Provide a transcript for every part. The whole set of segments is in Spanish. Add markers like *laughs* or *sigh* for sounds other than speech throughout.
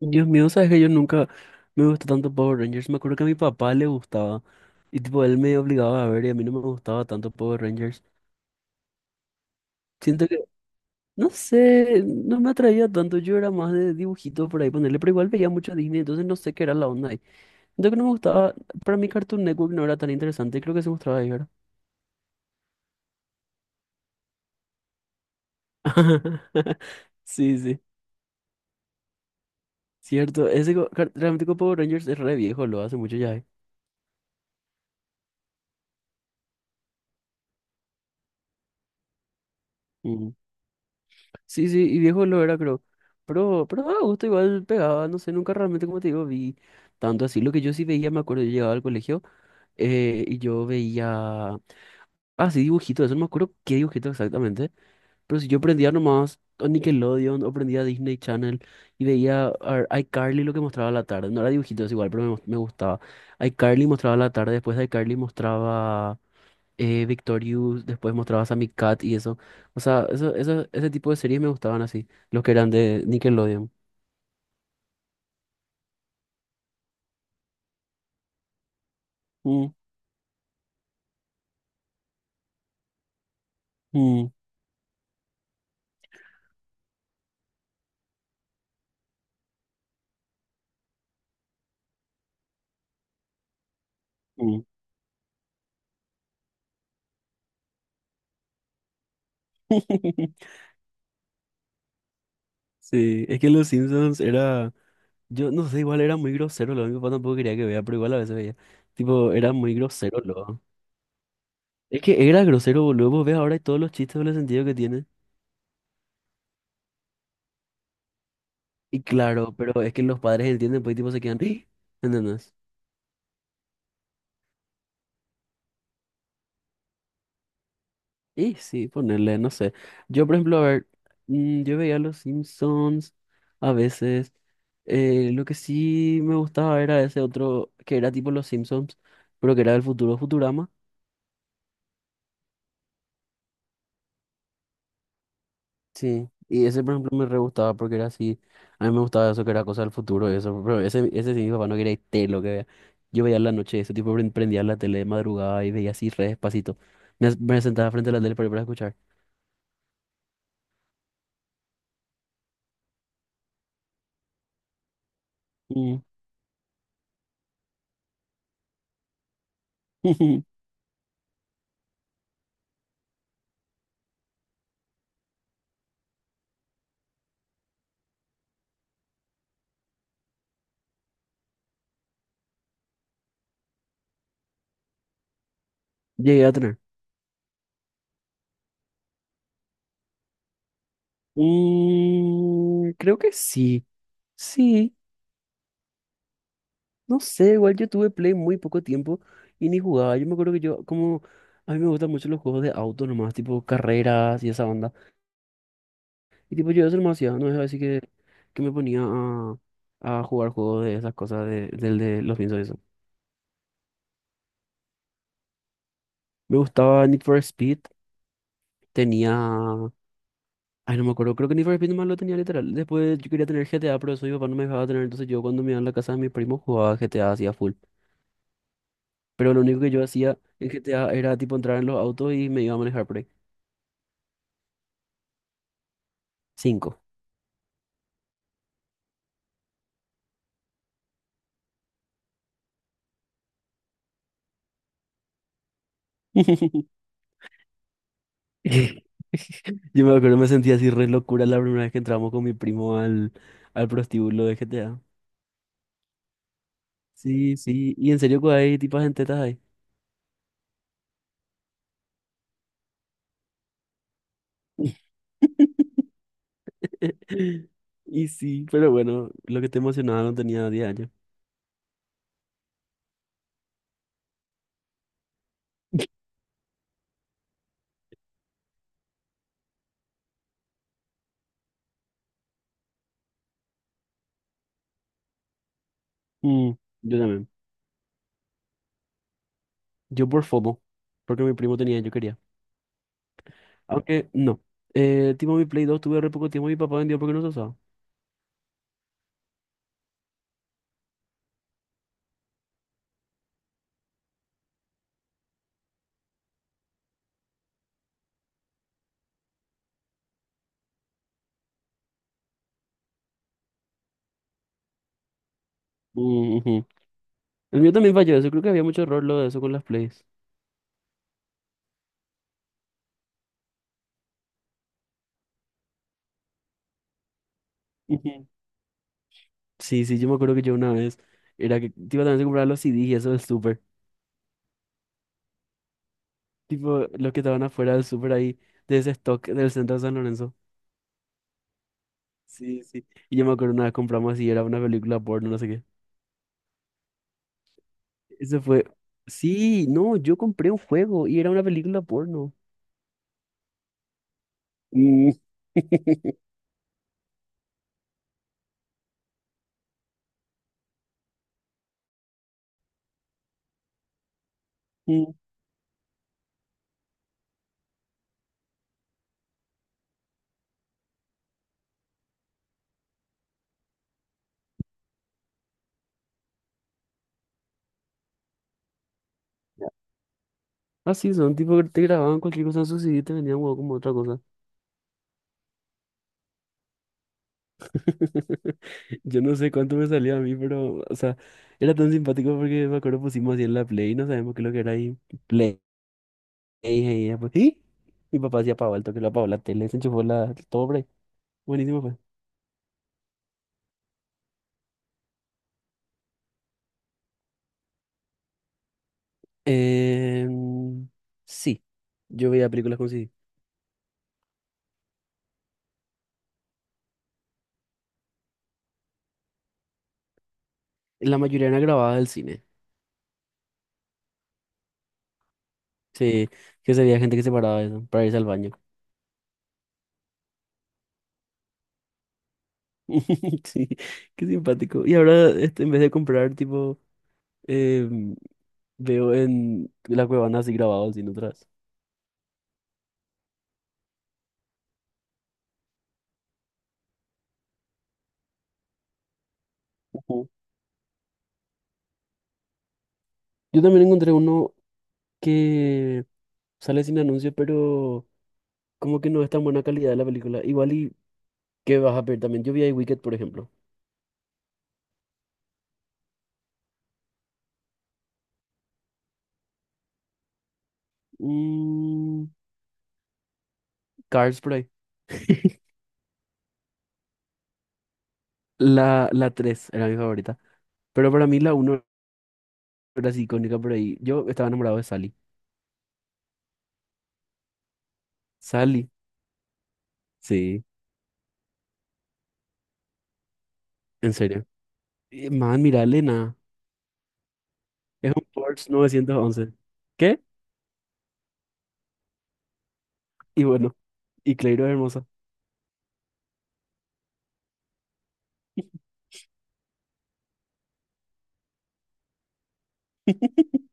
Dios mío, sabes que yo nunca me gustó tanto Power Rangers. Me acuerdo que a mi papá le gustaba y tipo él me obligaba a ver y a mí no me gustaba tanto Power Rangers. Siento que, no sé, no me atraía tanto. Yo era más de dibujitos por ahí ponerle, pero igual veía mucho Disney, entonces no sé qué era la onda ahí. Siento que no me gustaba, para mí Cartoon Network no era tan interesante, creo que se mostraba ahí, ¿verdad? *laughs* Sí, sí, cierto. Ese realmente con Power Rangers es re viejo, lo hace mucho ya. ¿Eh? Mm. Sí, sí, y viejo lo era, creo. Pero a gusto igual pegaba, no sé, nunca realmente, como te digo, vi tanto así. Lo que yo sí veía, me acuerdo, yo llegaba al colegio y yo veía... Ah, sí, dibujitos, eso no me acuerdo qué dibujito exactamente. Pero si yo prendía nomás o Nickelodeon o prendía Disney Channel y veía iCarly lo que mostraba a la tarde. No era dibujitos igual, pero me gustaba. iCarly mostraba a la tarde, después de iCarly mostraba Victorious, después mostrabas a Cat y eso. O sea, ese tipo de series me gustaban así, los que eran de Nickelodeon. Mm, mm, mm. *laughs* Sí, es que Los Simpsons era, yo no sé, igual era muy grosero, lo mi papá tampoco quería que vea, pero igual a veces veía. Tipo, era muy grosero, lo. Es que era grosero, boludo, vos ves ahora y todos los chistes, con el sentido que tiene. Y claro, pero es que los padres entienden, pues y tipo se quedan, *gasps* ¿entendés? Y sí, ponerle, no sé. Yo, por ejemplo, a ver, yo veía Los Simpsons a veces. Lo que sí me gustaba era ese otro, que era tipo Los Simpsons, pero que era del futuro Futurama. Sí, y ese, por ejemplo, me re gustaba porque era así. A mí me gustaba eso, que era cosa del futuro y eso. Pero ese sí, mi papá no quería ir té lo que vea. Yo veía en la noche, ese tipo prendía la tele de madrugada y veía así re despacito. Me sentaba frente a la tele para escuchar. Mm. *laughs* Llegué a tener. Mm, creo que sí, sí, no sé, igual yo tuve Play muy poco tiempo y ni jugaba, yo me acuerdo que yo, como, a mí me gustan mucho los juegos de auto nomás, tipo carreras y esa onda, y tipo yo eso nomás hacía, no es así que me ponía a jugar juegos de esas cosas, del de los piensos de eso. Me gustaba Need for Speed, tenía, ay no me acuerdo, creo que Need for Speed nomás lo tenía literal, después yo quería tener GTA, pero eso mi papá no me dejaba tener, entonces yo cuando me iba a la casa de mis primos jugaba GTA así a full. Pero lo único que yo hacía en GTA era tipo entrar en los autos y me iba a manejar por ahí. Cinco. *laughs* Yo me acuerdo, me sentía así re locura la primera vez que entramos con mi primo al prostíbulo de GTA. Sí, sí. Y en serio, que hay tipas en tetas ahí. *laughs* Y sí, pero bueno, lo que te emocionaba no tenía 10 años. Mm, yo también. Yo por FOMO, porque mi primo tenía, yo quería. Aunque no. Tipo mi Play 2 tuve re poco tiempo y mi papá vendió porque no se usaba. El mío también falló eso. Creo que había mucho error lo de eso con las plays. Ujú. Sí, sí, yo me acuerdo que yo una vez era que tipo también se compraba los CDs y eso del súper. Tipo, los que estaban afuera del súper ahí, de ese stock del centro de San Lorenzo. Sí, sí. Y yo me acuerdo una vez compramos así, era una película porno, no sé qué. Eso fue. Sí, no, yo compré un juego y era una película porno. Mm. *laughs* Mm. Así son, tipo que te grababan cualquier cosa en su CD y te vendían huevo como otra cosa. *laughs* Yo no sé cuánto me salió a mí, pero, o sea, era tan simpático porque me acuerdo pusimos así en la Play, no sabemos qué es lo que era ahí. Play, y ella, pues, ¿sí? Mi papá hacía apagó el toque, lo apagó la tele, se enchufó la, todo por ahí. Buenísimo, pues. Em, sí, yo veía películas con CD. La mayoría eran grabadas del cine. Sí, que se veía gente que se paraba de eso para irse al baño. *laughs* Sí, qué simpático. Y ahora, este, en vez de comprar, tipo, em, veo en la cuevana así grabado, sin otras. Ujú. Yo también encontré uno que sale sin anuncio, pero como que no es tan buena calidad la película. Igual y que vas a ver también. Yo vi ahí Wicked, por ejemplo. Mm, Cars por ahí. *laughs* La 3 era mi favorita. Pero para mí la uno era así icónica por ahí. Yo estaba enamorado de Sally. Sally, sí, en serio. Man, mira, Elena. Es un Porsche 911. ¿Qué? Y bueno, y Clairo es hermosa. *laughs*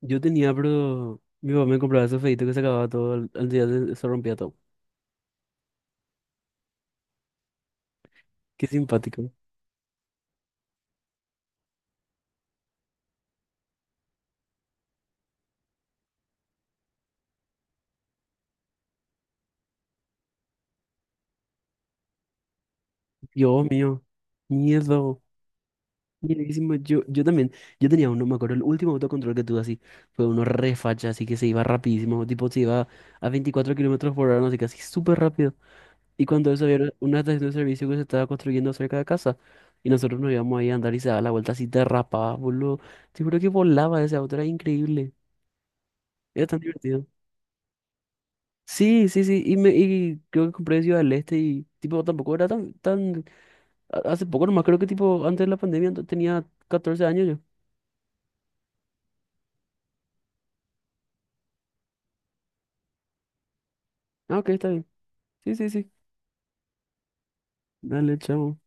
Yo tenía, pero mi papá me compraba esos feitos que se acababa todo, al día se rompía todo. Qué simpático. Dios mío. Miedo. Miedísimo. Yo también. Yo tenía uno, me acuerdo, el último autocontrol que tuve así. Fue uno re facha, así que se iba rapidísimo. Tipo, se iba a 24 km/h, no sé, casi súper rápido. Y cuando eso había una estación de servicio que se estaba construyendo cerca de casa. Y nosotros nos íbamos ahí a andar y se daba la vuelta así, derrapaba, boludo. Te juro que volaba ese auto, era increíble. Era tan divertido. Sí, sí, sí, y, me, y creo que compré Ciudad del Este y tipo tampoco era tan, tan, hace poco nomás creo que tipo antes de la pandemia tenía 14 años yo. Ah, ok, está bien. Sí, sí, sí. Dale, chao.